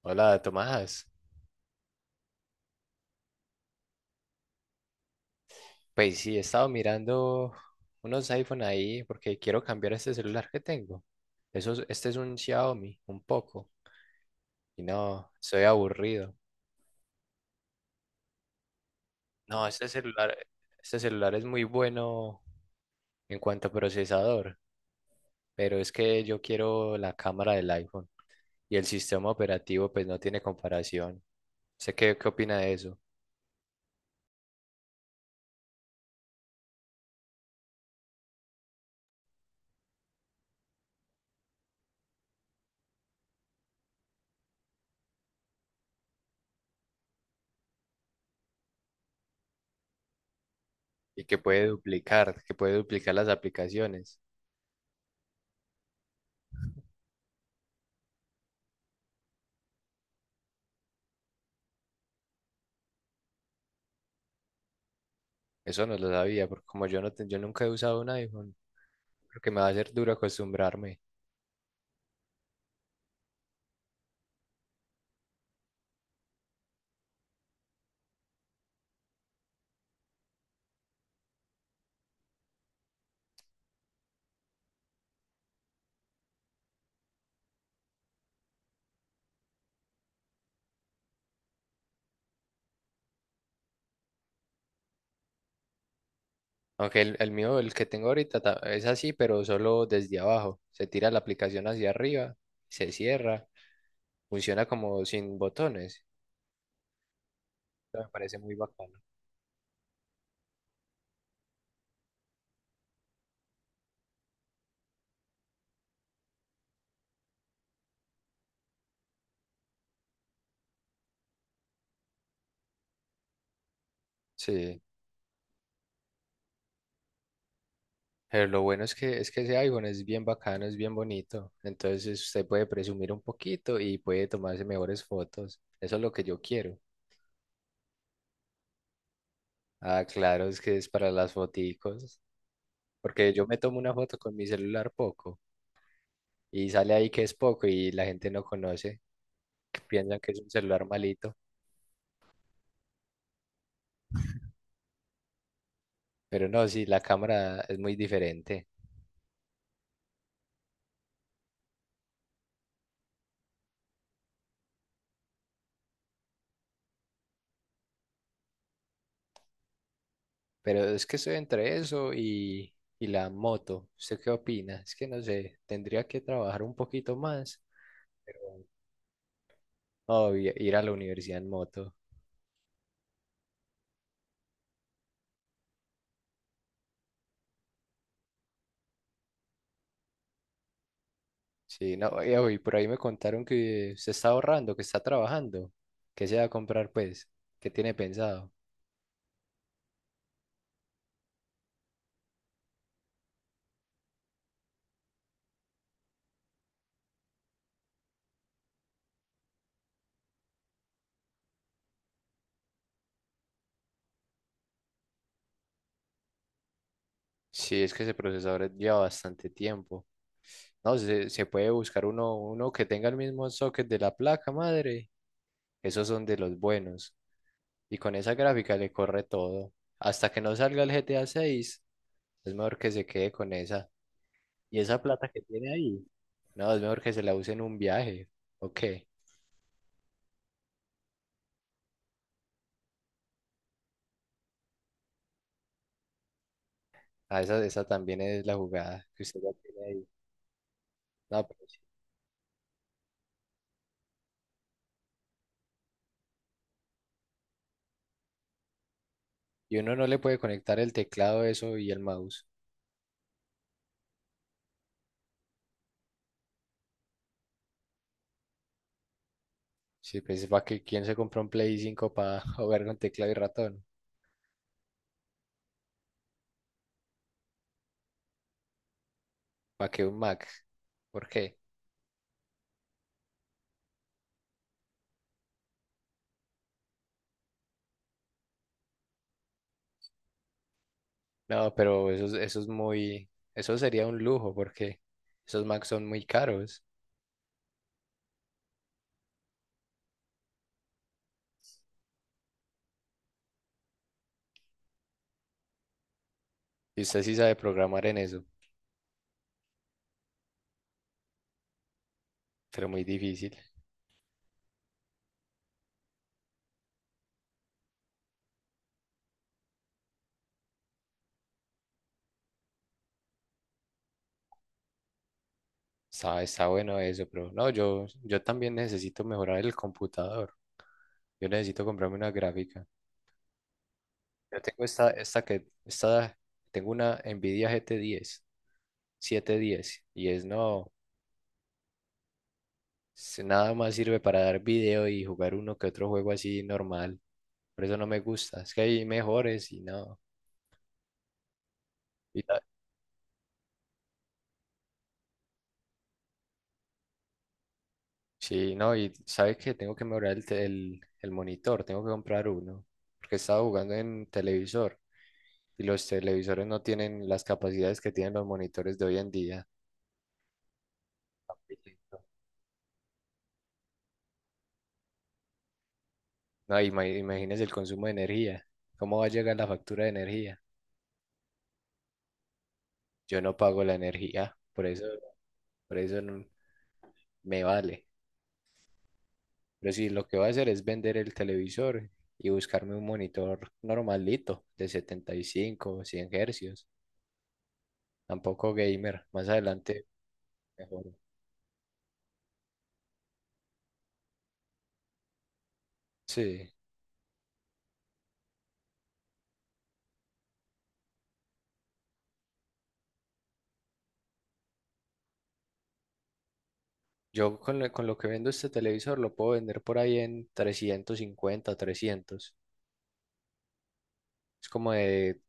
Hola Tomás, pues sí, he estado mirando unos iPhone ahí porque quiero cambiar este celular que tengo. Eso, este es un Xiaomi, un poco. Y no, soy aburrido. No, este celular es muy bueno en cuanto a procesador, pero es que yo quiero la cámara del iPhone, y el sistema operativo pues no tiene comparación. ¿Sé qué opina de eso? Y que puede duplicar las aplicaciones. Eso no lo sabía, porque como yo no te- yo nunca he usado un iPhone. Creo que me va a ser duro acostumbrarme. Aunque el mío, el que tengo ahorita, es así, pero solo desde abajo. Se tira la aplicación hacia arriba, se cierra, funciona como sin botones. Eso me parece muy bacano. Sí, pero lo bueno es que ese iPhone es bien bacano, es bien bonito. Entonces usted puede presumir un poquito y puede tomarse mejores fotos. Eso es lo que yo quiero. Ah, claro, es que es para las foticos. Porque yo me tomo una foto con mi celular poco, y sale ahí que es poco y la gente no conoce, piensan que es un celular malito. Pero no, sí, la cámara es muy diferente. Pero es que estoy entre eso y la moto. ¿Usted qué opina? Es que no sé, tendría que trabajar un poquito más. Pero no, ir a la universidad en moto. Sí, no, y uy, por ahí me contaron que se está ahorrando, que está trabajando. ¿Qué se va a comprar, pues? ¿Qué tiene pensado? Sí, es que ese procesador lleva bastante tiempo. No, se puede buscar uno que tenga el mismo socket de la placa madre. Esos son de los buenos. Y con esa gráfica le corre todo. Hasta que no salga el GTA 6, es mejor que se quede con esa. Y esa plata que tiene ahí, no, es mejor que se la use en un viaje. Ok. Ah, esa también es la jugada que usted ya tiene ahí. No, pero sí. Y uno no le puede conectar el teclado, eso y el mouse. Sí, pues para que quién se compró un Play 5 para jugar con teclado y ratón. Para que un Mac. ¿Por qué? No, pero eso, eso sería un lujo porque esos Macs son muy caros. Y usted sí sabe programar en eso, pero muy difícil. Está bueno eso, pero no, yo también necesito mejorar el computador. Yo necesito comprarme una gráfica. Yo tengo esta, esta que, esta, tengo una Nvidia GT10, 710, y es no, es- nada más sirve para dar video y jugar uno que otro juego así normal. Por eso no me gusta. Es que hay mejores y no. Sí, no, y sabes que tengo que mejorar el monitor, tengo que comprar uno, porque estaba jugando en televisor, y los televisores no tienen las capacidades que tienen los monitores de hoy en día. No, imagínese el consumo de energía. ¿Cómo va a llegar la factura de energía? Yo no pago la energía, por eso, me vale. Pero sí, lo que voy a hacer es vender el televisor y buscarme un monitor normalito de 75 o 100 hercios, tampoco gamer, más adelante mejor. Sí, yo con lo que vendo este televisor lo puedo vender por ahí en 350, 300. Es como de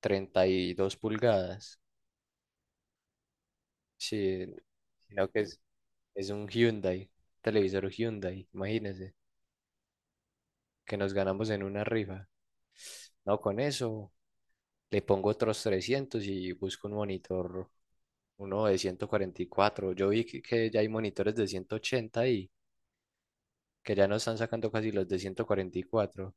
32 pulgadas. Sí, sino que es un Hyundai, televisor Hyundai, imagínese, que nos ganamos en una rifa. No, con eso le pongo otros 300 y busco un monitor, uno de 144. Yo vi que ya hay monitores de 180, y que ya no están sacando casi los de 144.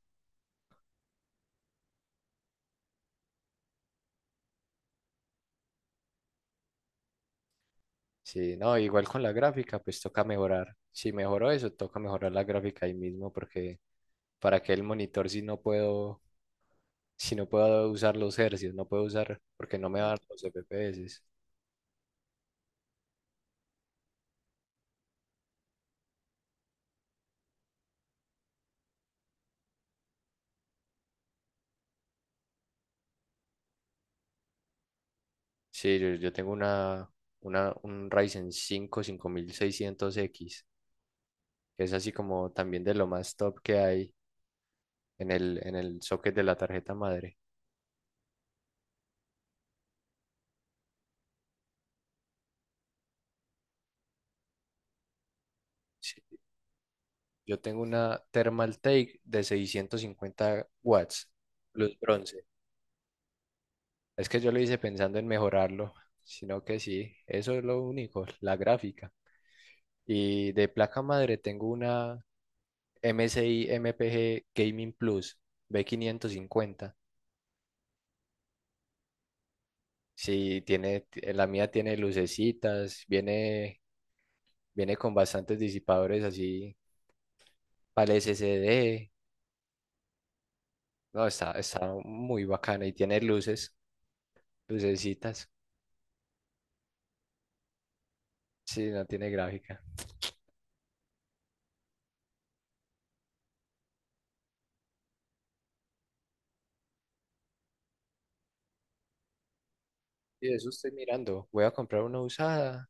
Sí, no, igual con la gráfica, pues toca mejorar. Si mejoro eso, toca mejorar la gráfica ahí mismo, porque para que el monitor si no puedo usar los hercios, no puedo usar, porque no me dan los FPS. Sí, yo tengo un Ryzen 5 5600X, que es así como también de lo más top que hay en el socket de la tarjeta madre. Sí, yo tengo una Thermaltake de 650 W watts, luz bronce. Es que yo lo hice pensando en mejorarlo, sino que sí, eso es lo único, la gráfica. Y de placa madre tengo una MSI MPG Gaming Plus B550. Sí, tiene, la mía tiene lucecitas, viene con bastantes disipadores así para el SSD. No, está muy bacana y tiene luces, lucecitas. Sí, no tiene gráfica. Y de eso estoy mirando. Voy a comprar una usada.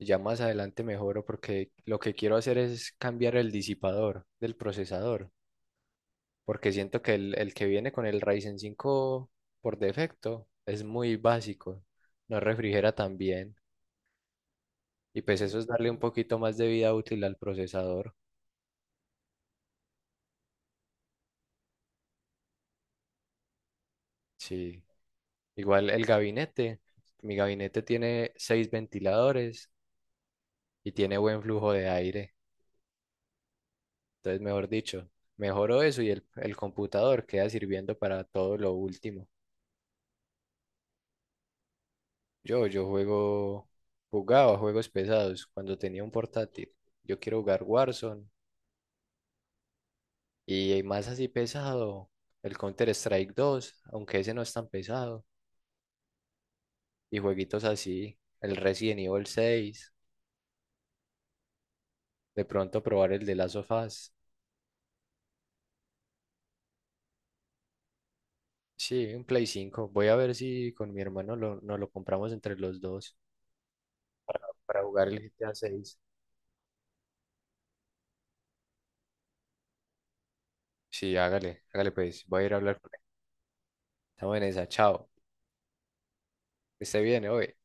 Ya más adelante mejoro, porque lo que quiero hacer es cambiar el disipador del procesador, porque siento que el que viene con el Ryzen 5 por defecto es muy básico, no refrigera tan bien, y pues eso es darle un poquito más de vida útil al procesador. Sí, igual el gabinete, mi gabinete tiene seis ventiladores y tiene buen flujo de aire, entonces mejor dicho, mejoro eso y el computador queda sirviendo para todo lo último. Yo jugaba juegos pesados cuando tenía un portátil. Yo quiero jugar Warzone y más así pesado, el Counter-Strike 2, aunque ese no es tan pesado. Y jueguitos así, el Resident Evil 6, de pronto probar el de Last of Us. Sí, un Play 5. Voy a ver si con mi hermano nos lo compramos entre los dos para jugar el GTA 6. Sí, hágale, hágale pues. Voy a ir a hablar con él. Estamos en esa, chao. Que esté bien, hoy.